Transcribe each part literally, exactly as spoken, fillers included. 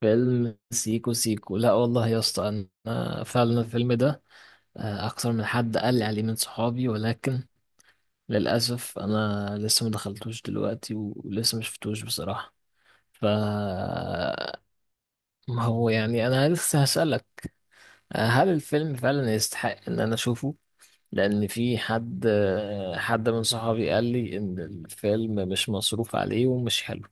فيلم سيكو سيكو، لا والله يا اسطى. انا فعلا الفيلم ده آه، اكتر من حد قال لي عليه من صحابي، ولكن للاسف انا لسه ما دخلتوش دلوقتي و- ولسه ما شفتوش بصراحه. ف ما هو يعني انا لسه هسالك، آه، هل الفيلم فعلا يستحق ان انا اشوفه؟ لان في حد آه، حد من صحابي قال لي ان الفيلم مش مصروف عليه ومش حلو.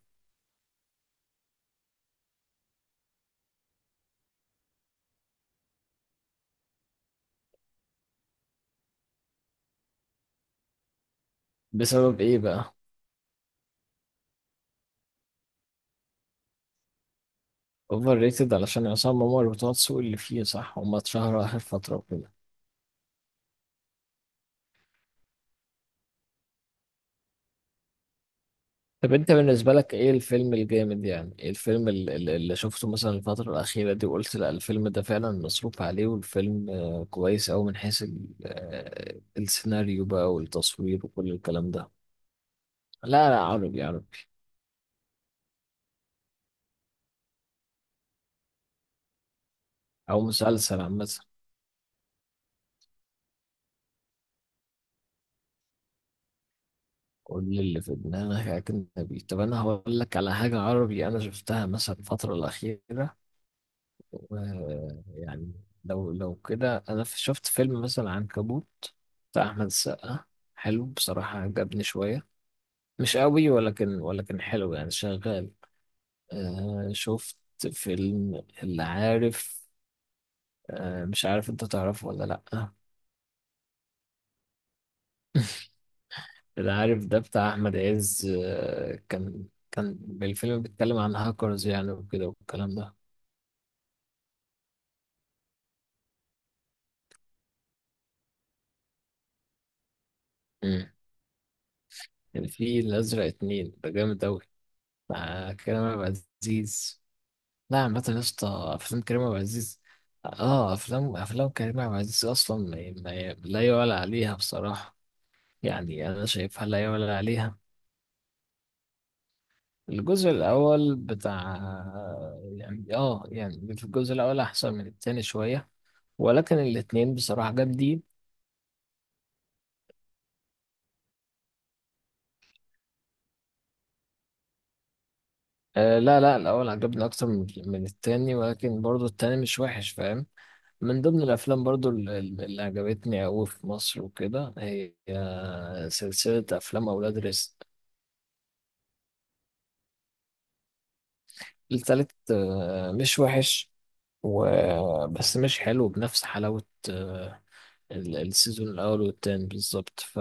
بسبب ايه بقى؟ اوفر ريتد علشان عصام عمر بتوع السوق اللي فيه، صح، هما اتشهروا اخر فتره وكده. طب انت بالنسبه لك ايه الفيلم الجامد؟ يعني ايه الفيلم ال- ال- اللي شفته مثلا الفتره الاخيره دي وقلت لا الفيلم ده فعلا مصروف عليه والفيلم آه، كويس أوي من حيث ال- آه، السيناريو بقى والتصوير وكل الكلام ده. لا لا، عربي عربي. او مسلسل عامه. كل اللي في دماغك اجنبي. طب انا هقول لك على حاجه عربي انا شفتها مثلا الفتره الاخيره. ويعني لو لو كده انا في- شفت فيلم مثلا عنكبوت، بتاع احمد السقا. حلو بصراحة، عجبني شوية. مش قوي، ولكن ولكن حلو يعني، شغال. آه، شفت فيلم اللي عارف، آه مش عارف انت تعرفه ولا لأ. اللي عارف ده بتاع احمد عز، آه، كان كان الفيلم بيتكلم عن هاكرز يعني وكده والكلام ده. مم. كان في الازرق اتنين، ده جامد اوي. مع كريم عبد العزيز. لا عامة يا اسطى، أفلام كريم عبد العزيز، اه، أفلام أفلام كريم عبد العزيز أصلا ما ما- لا يعلى عليها بصراحة. يعني أنا شايفها لا يعلى عليها. الجزء الأول بتاع، يعني اه، يعني في الجزء الأول أحسن من التاني شوية، ولكن الاتنين بصراحة جامدين. آه، لا لا، الأول عجبني أكتر من من التاني، ولكن برضو التاني مش وحش، فاهم. من ضمن الأفلام برضو ال- ال- اللي عجبتني أوي في مصر وكده هي، آه، سلسلة أفلام أولاد رزق. التالت آه، مش وحش و... بس مش حلو بنفس حلاوة آه، ال- السيزون الأول والتاني بالظبط. ف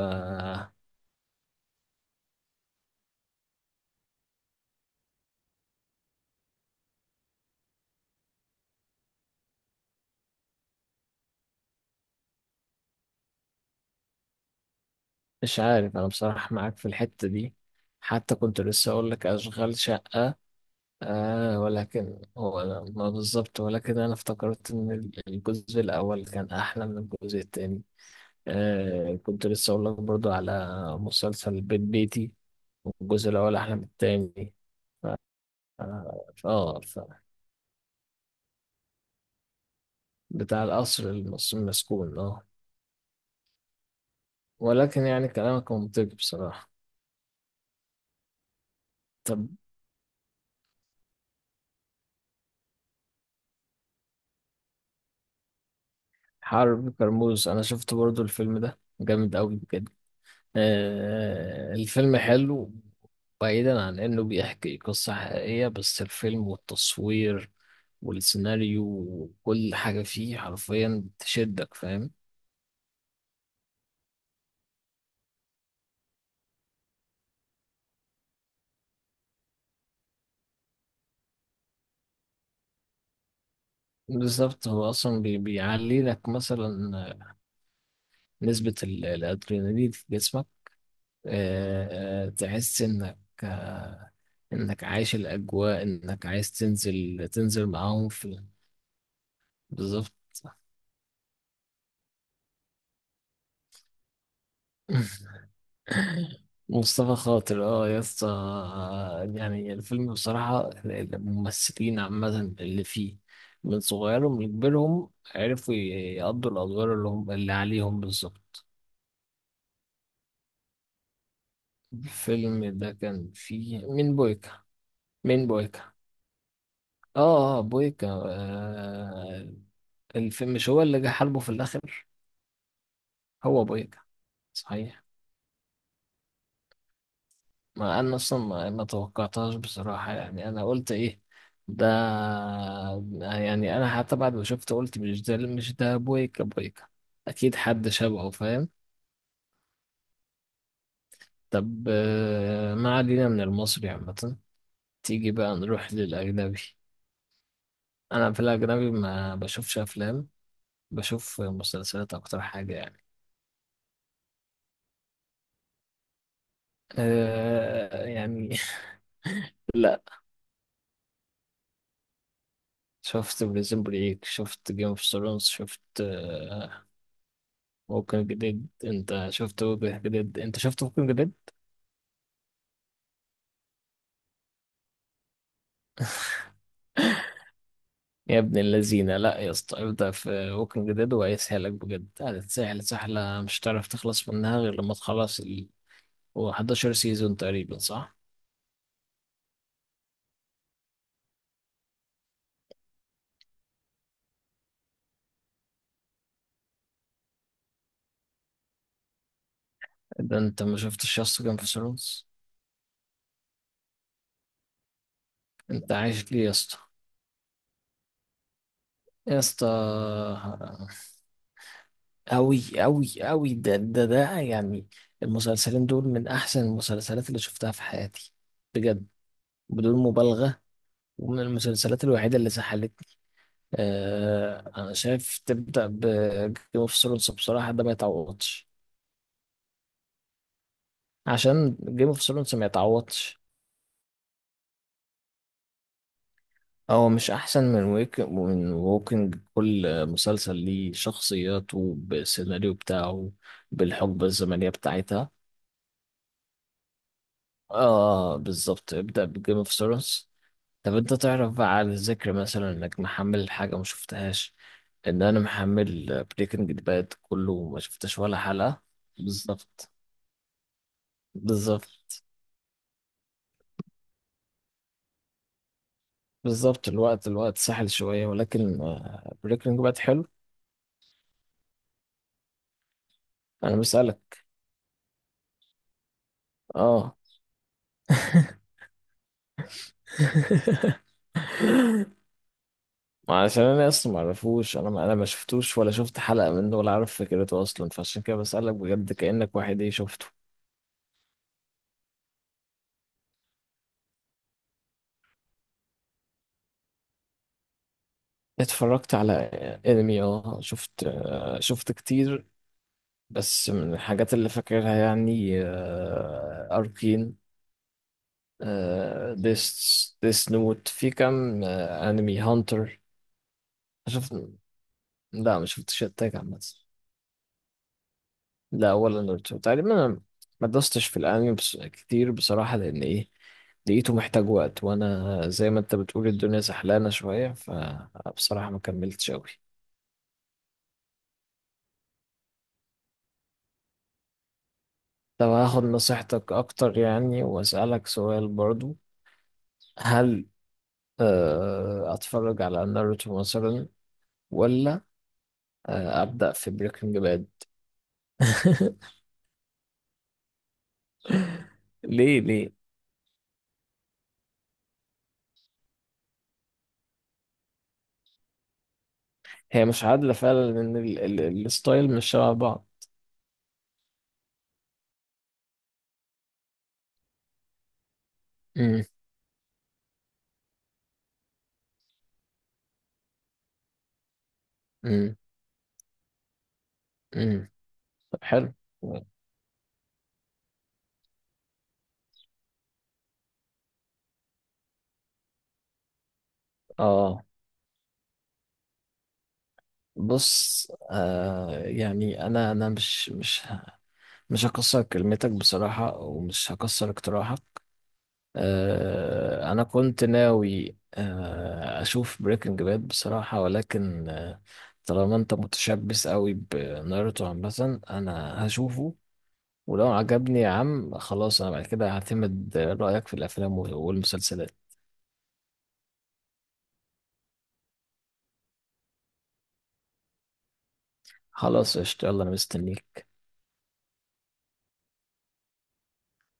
مش عارف أنا بصراحة، معاك في الحتة دي. حتى كنت لسه أقول لك أشغال شقة، آه، ولكن هو ما بالظبط، ولكن أنا افتكرت إن ال- الجزء الأول كان أحلى من الجزء التاني. آه، كنت لسه أقول لك برضو على مسلسل بيت بيتي، والجزء الأول أحلى من التاني. آه فآه، بتاع القصر المس- المسكون، اه. ولكن يعني كلامك منطقي بصراحة. طب، حرب كرموز أنا شفت برضو الفيلم ده، جامد أوي بجد. آه الفيلم حلو. بعيدا عن إنه بيحكي قصة حقيقية، بس الفيلم والتصوير والسيناريو وكل حاجة فيه حرفيا تشدك، فاهم. بالظبط، هو أصلا بي- بيعلي لك مثلا نسبة ال- الأدرينالين في جسمك. آه آه، تحس إنك، آه، انك عايش الاجواء، انك عايز تنزل تنزل معاهم في. بالظبط. مصطفى خاطر، اه يا اسطى. يعني الفيلم بصراحة، الممثلين عامة اللي فيه، من صغيرهم لكبيرهم، عرفوا يقضوا الأدوار اللي هم اللي عليهم بالظبط. الفيلم ده كان فيه مين؟ بويكا؟ مين بويكا؟ اه آه، بويكا، آه، الفيلم، مش هو اللي جه حلبه في الآخر، هو بويكا. صحيح، ما انا اصلا ما, ما توقعتهاش بصراحة، يعني انا قلت ايه ده، يعني انا حتى بعد ما شفت قلت مش ده، مش ده بويكا، بويكا اكيد حد شبهه، فاهم. طب آه، ما علينا من المصري عامة، تيجي بقى نروح للاجنبي. انا في الاجنبي ما بشوفش افلام، بشوف مسلسلات اكتر حاجة يعني. أه يعني لا، شفت بريزن بريك، شفت جيم اوف ثرونز، شفت آه، ممكن جديد، انت شفت ممكن جديد؟ انت شفت ممكن جديد؟ يا ابن اللذينه، لا يا اسطى، ابدا في ممكن جديد وهيسهلك بجد، هتتسهل سهله، مش هتعرف تخلص منها غير لما تخلص ال، هو إحداشر سيزون تقريبا، صح؟ ده انت ما شفتش يا اسطى جيم اوف ثرونز؟ انت عايش ليه يا اسطى؟ يا اسطى، أوي أوي أوي ده ده ده يعني، المسلسلين دول من أحسن المسلسلات اللي شفتها في حياتي، بجد، بدون مبالغة. ومن المسلسلات الوحيدة اللي سحلتني. آه، انا شايف تبدا بجيم اوف ثرونز بصراحه، ده ما يتعوضش. عشان جيم اوف ثرونز ما يتعوضش. هو مش احسن من ويك من ووكينج، كل مسلسل ليه شخصياته بالسيناريو بتاعه، بالحقبه الزمنيه بتاعتها. اه بالظبط، ابدا بجيم اوف ثرونز. طب انت تعرف بقى على الذكر، مثلا انك محمل حاجه ما شفتهاش، ان انا محمل بريكنج باد كله، ما شفتش ولا حلقه. بالظبط بالظبط بالظبط، الوقت الوقت سهل شوية، ولكن آه، بريكنج باد حلو. أنا بسألك. اه ما عشان أنا أصلا معرفوش، أنا ما، أنا ما شفتوش ولا شفت حلقة منه ولا عارف فكرته أصلا، فعشان كده بسألك بجد كأنك واحد إيه شفته. اتفرجت على انمي، اه، شفت، آه، شفت كتير. بس من الحاجات اللي فاكرها يعني، أركين، ديس ديس نوت في كام، آه، انمي هانتر، شفت. لا ما شفتش التاج عامة. لا ولا ناروتو تقريبا، أنا ما دوستش في الأنمي بس كتير بصراحة، لأن إيه، لقيته محتاج وقت، وأنا زي ما أنت بتقول الدنيا زحلانة شوية، فبصراحة ما كملتش أوي. طب هاخد نصيحتك أكتر يعني، وأسألك سؤال برضو، هل آه، أتفرج على ناروتو مثلا، ولا آه، أبدأ في بريكنج باد؟ ليه ليه؟ هي مش عادلة فعلا، لأن ال- ال- الستايل مش شبه بعض. مم، مم، مم. حلو. اه، بص، آه يعني انا انا مش مش مش هكسر كلمتك بصراحة، ومش هكسر اقتراحك. آه انا كنت ناوي آه اشوف بريكنج باد بصراحة، ولكن آه، طالما انت متشبث قوي بناروتو عامة انا هشوفه. ولو عجبني يا عم، خلاص انا بعد كده هعتمد رأيك في الافلام والمسلسلات. خلاص قشطة، يلا انا مستنيك.